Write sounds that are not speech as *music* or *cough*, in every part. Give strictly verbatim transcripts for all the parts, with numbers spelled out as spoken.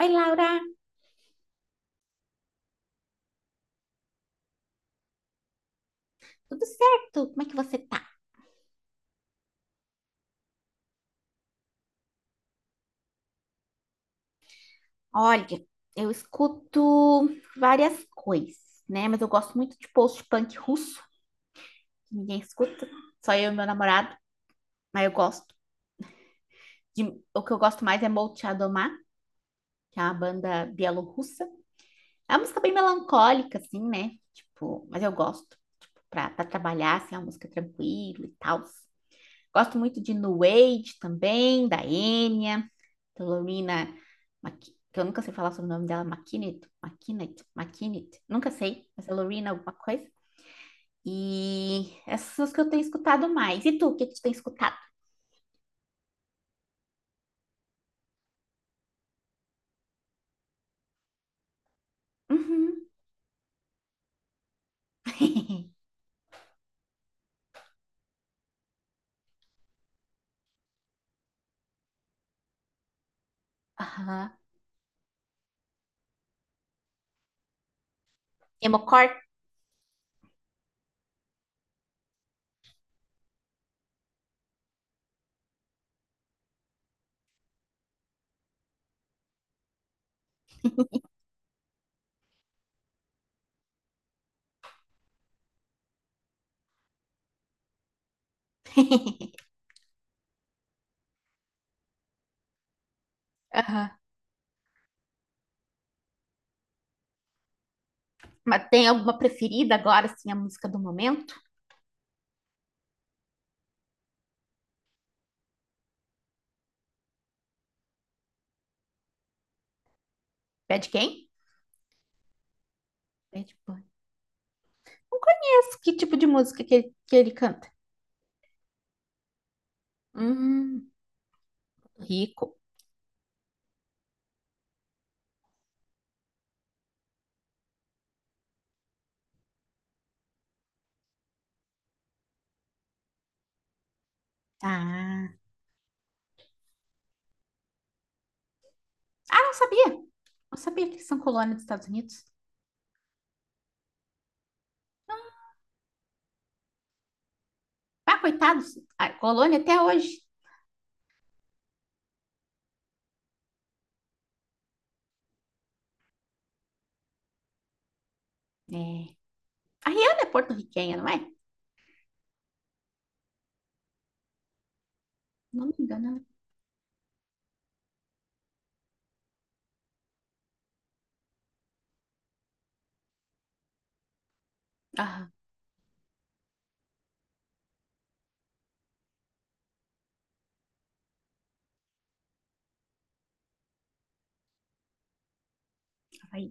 Oi, Laura, tudo certo? Como é que você tá? Olha, eu escuto várias coisas, né? Mas eu gosto muito de post-punk russo, que ninguém escuta, só eu e meu namorado, mas eu gosto. De, o que eu gosto mais é Molchat Doma, que é uma banda bielorrussa. É uma música bem melancólica, assim, né? Tipo, mas eu gosto, tipo, pra, pra trabalhar, assim, é uma música tranquila e tal. Gosto muito de New Age também, da Enya. Carolina, Maqui- que eu nunca sei falar sobre o nome dela, Maquinet, Maquinet, Maquinet, nunca sei, mas é Lorena alguma coisa. E essas são as que eu tenho escutado mais. E tu, o que que tu tem escutado? Uhum. *laughs* Aham. Emocore? *laughs* Aham. Mas tem alguma preferida agora, assim, a música do momento? Bad quem? Bad Bunny. Não conheço que tipo de música que ele, que ele canta. Hum, Rico. Ah. Ah, não sabia. Não sabia que eles são colônia dos Estados Unidos. Ah, coitados, a colônia até hoje. É. A Rihanna é porto-riquenha, não é? Não me engano, ela- é. Ah, Havaí,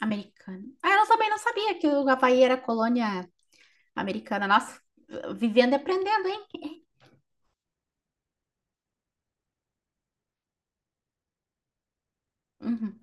americana. Ah, eu também não sabia que o Havaí era colônia americana. Nossa, vivendo e aprendendo, hein? É. Uhum.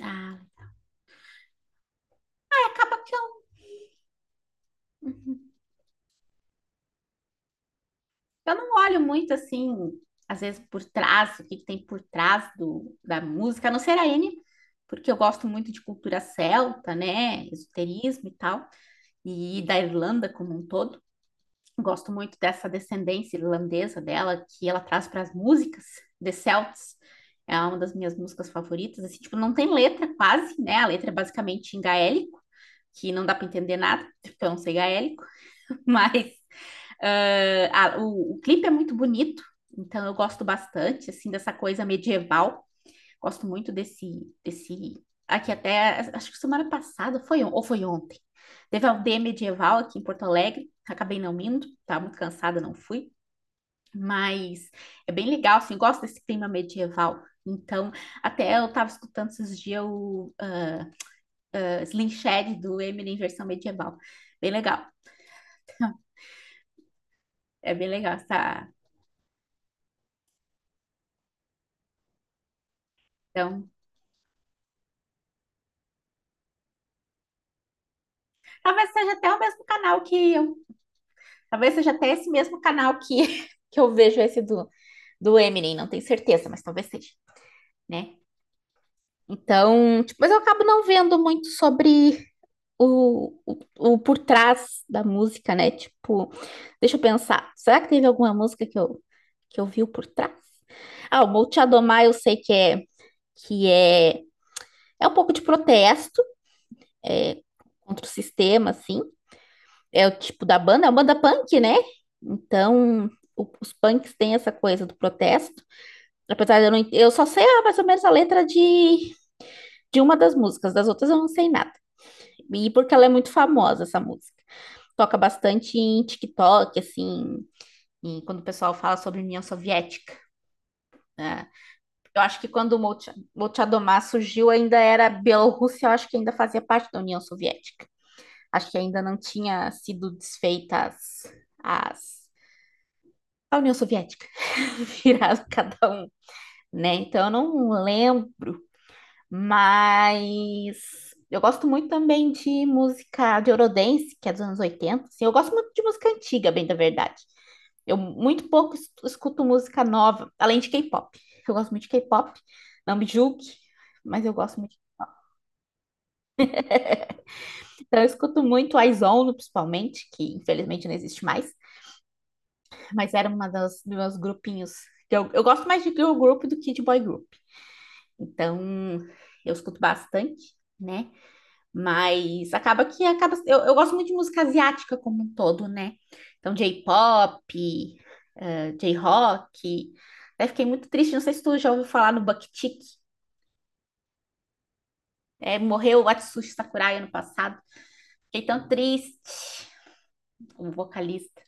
Ah, é, acaba que eu, eu não olho muito assim, às vezes por trás, o que que tem por trás do, da música, a não ser a N, porque eu gosto muito de cultura celta, né? Esoterismo e tal, e da Irlanda como um todo. Gosto muito dessa descendência irlandesa dela, que ela traz para as músicas The Celts. É uma das minhas músicas favoritas. Assim, tipo, não tem letra quase, né? A letra é basicamente em gaélico, que não dá para entender nada, porque eu não sei gaélico. *laughs* Mas uh, a, o, o clipe é muito bonito, então eu gosto bastante, assim, dessa coisa medieval. Gosto muito desse, desse. Aqui até, acho que semana passada foi on- ou foi ontem. Teve a aldeia medieval aqui em Porto Alegre. Acabei não indo, estava muito cansada, não fui. Mas é bem legal, assim, gosto desse clima medieval. Então, até eu estava escutando esses dias o ah, ah, Slim Shady do Eminem em versão medieval. Bem legal, é bem legal essa. Então, talvez seja até o mesmo canal que eu. Talvez seja até esse mesmo canal que, *laughs* que eu vejo esse do, do Eminem, não tenho certeza, mas talvez seja, né? Então, tipo, mas eu acabo não vendo muito sobre o, o, o por trás da música, né? Tipo, deixa eu pensar, será que teve alguma música que eu, que eu vi o por trás? Ah, o Vou Te Adomar eu sei que é, que é, é um pouco de protesto, é, contra o sistema, assim. É o tipo da banda, é uma banda punk, né? Então, o- os punks têm essa coisa do protesto. Apesar de eu não, en- eu só sei ah, mais ou menos a letra de, de uma das músicas, das outras eu não sei nada. E porque ela é muito famosa, essa música. Toca bastante em TikTok, assim, em- quando o pessoal fala sobre União Soviética, né? Eu acho que quando o Molcha- Molchadomá surgiu, ainda era Bielorrússia, eu acho que ainda fazia parte da União Soviética. Acho que ainda não tinha sido desfeita as, as- a União Soviética, *laughs* virado cada um, né? Então eu não lembro. Mas eu gosto muito também de música de Eurodance, que é dos anos oitenta. Assim, eu gosto muito de música antiga, bem da verdade. Eu muito pouco es- escuto música nova, além de K-pop. Eu gosto muito de K-pop, não me julgue, mas eu gosto muito. Então, eu escuto muito IZONE, principalmente, que infelizmente não existe mais, mas era uma das dos meus grupinhos, que Eu, eu gosto mais de girl group do que de boy group. Então, eu escuto bastante, né? Mas acaba que acaba. Eu, eu gosto muito de música asiática como um todo, né? Então, J-pop, eh, J-rock. Até fiquei muito triste. Não sei se tu já ouviu falar no Bucktick. É, morreu o Atsushi Sakurai ano passado. Fiquei tão triste como vocalista.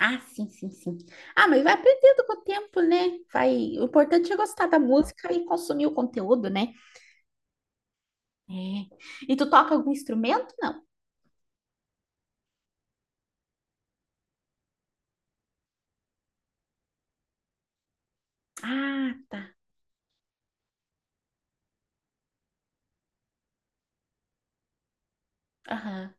Ah, sim, sim, sim. Ah, mas vai aprendendo com o tempo, né? Vai... O importante é gostar da música e consumir o conteúdo, né? É. E tu toca algum instrumento? Não. Ah, tá. Aham.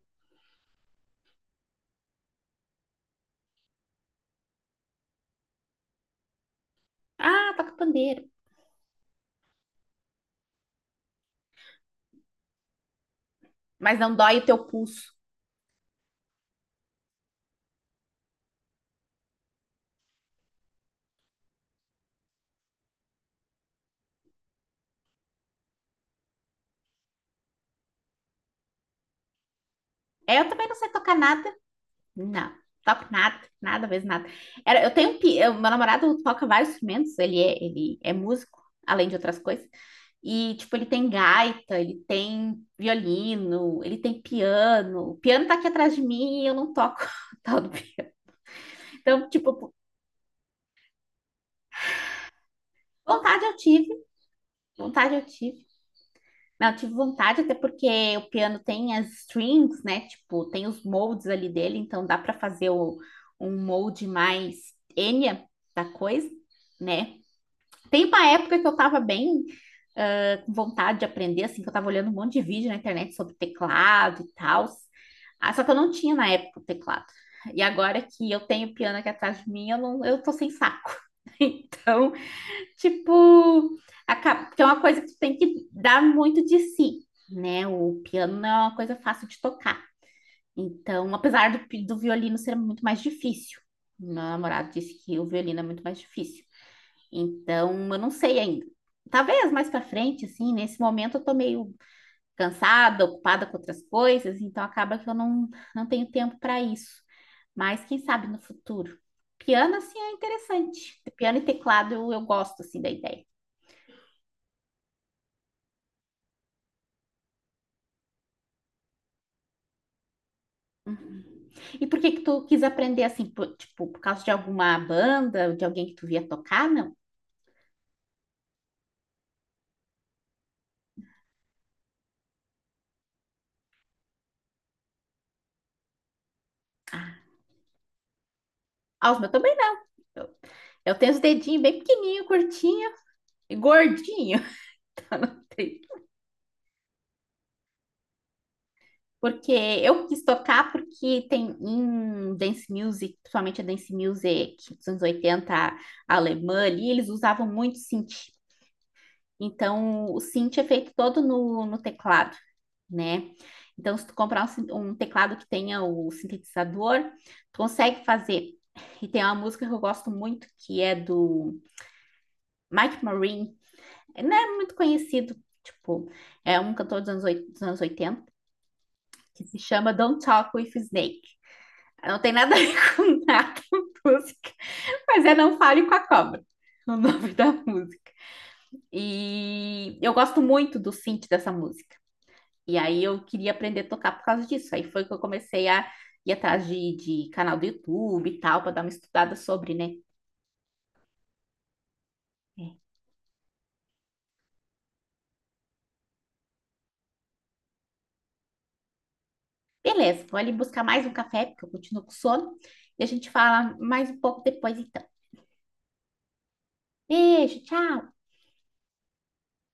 Ah, toca pandeiro. Mas não dói o teu pulso. Eu também não sei tocar nada. Não, toco nada, nada, vez nada. Era, eu tenho, um eu- Meu namorado toca vários instrumentos, ele é, ele é músico, além de outras coisas. E, tipo, ele tem gaita, ele tem violino, ele tem piano. O piano tá aqui atrás de mim e eu não toco. *laughs* tal do pi-. Então, tipo, vontade eu tive, vontade eu tive. Não, eu tive vontade, até porque o piano tem as strings, né? Tipo, tem os moldes ali dele, então dá para fazer o- um molde mais Enya da coisa, né? Tem uma época que eu tava bem ah, com vontade de aprender, assim, que eu tava olhando um monte de vídeo na internet sobre teclado e tal. Ah, só que eu não tinha na época o teclado. E agora que eu tenho o piano aqui atrás de mim, eu não, eu tô sem saco. *laughs* Tipo, acaba, porque é uma coisa que tu tem que dar muito de si, né? O piano não é uma coisa fácil de tocar. Então, apesar do, pi- do violino ser muito mais difícil, meu namorado disse que o violino é muito mais difícil. Então, eu não sei ainda. Talvez mais pra frente, assim, nesse momento eu tô meio cansada, ocupada com outras coisas, então acaba que eu não, não tenho tempo para isso. Mas quem sabe no futuro. Piano, assim, é interessante. Piano e teclado eu, eu gosto, assim, da ideia. E por que que tu quis aprender assim? Por, tipo, por causa de alguma banda, de alguém que tu via tocar? Não. Ah, ah, os meus também não. Eu, eu tenho os dedinhos bem pequenininho, curtinho e gordinho. *laughs* Porque eu quis tocar porque tem em dance music, principalmente a dance music dos anos oitenta alemã ali, eles usavam muito. Então, o synth é feito todo no, no teclado, né? Então, se tu comprar um, sin- um teclado que tenha o sintetizador, tu consegue fazer. E tem uma música que eu gosto muito, que é do Mike Marine. É, não é muito conhecido, tipo, é um cantor dos anos, oit- dos anos oitenta, que se chama Don't Talk with Snake. Não tem nada a ver *laughs* com nada a música, mas é Não Fale com a Cobra, o nome da música. E eu gosto muito do synth dessa música. E aí eu queria aprender a tocar por causa disso. Aí foi que eu comecei a ir atrás de, de canal do YouTube e tal, para dar uma estudada sobre, né? É. Beleza, vou ali buscar mais um café, porque eu continuo com sono. E a gente fala mais um pouco depois, então. Beijo, tchau!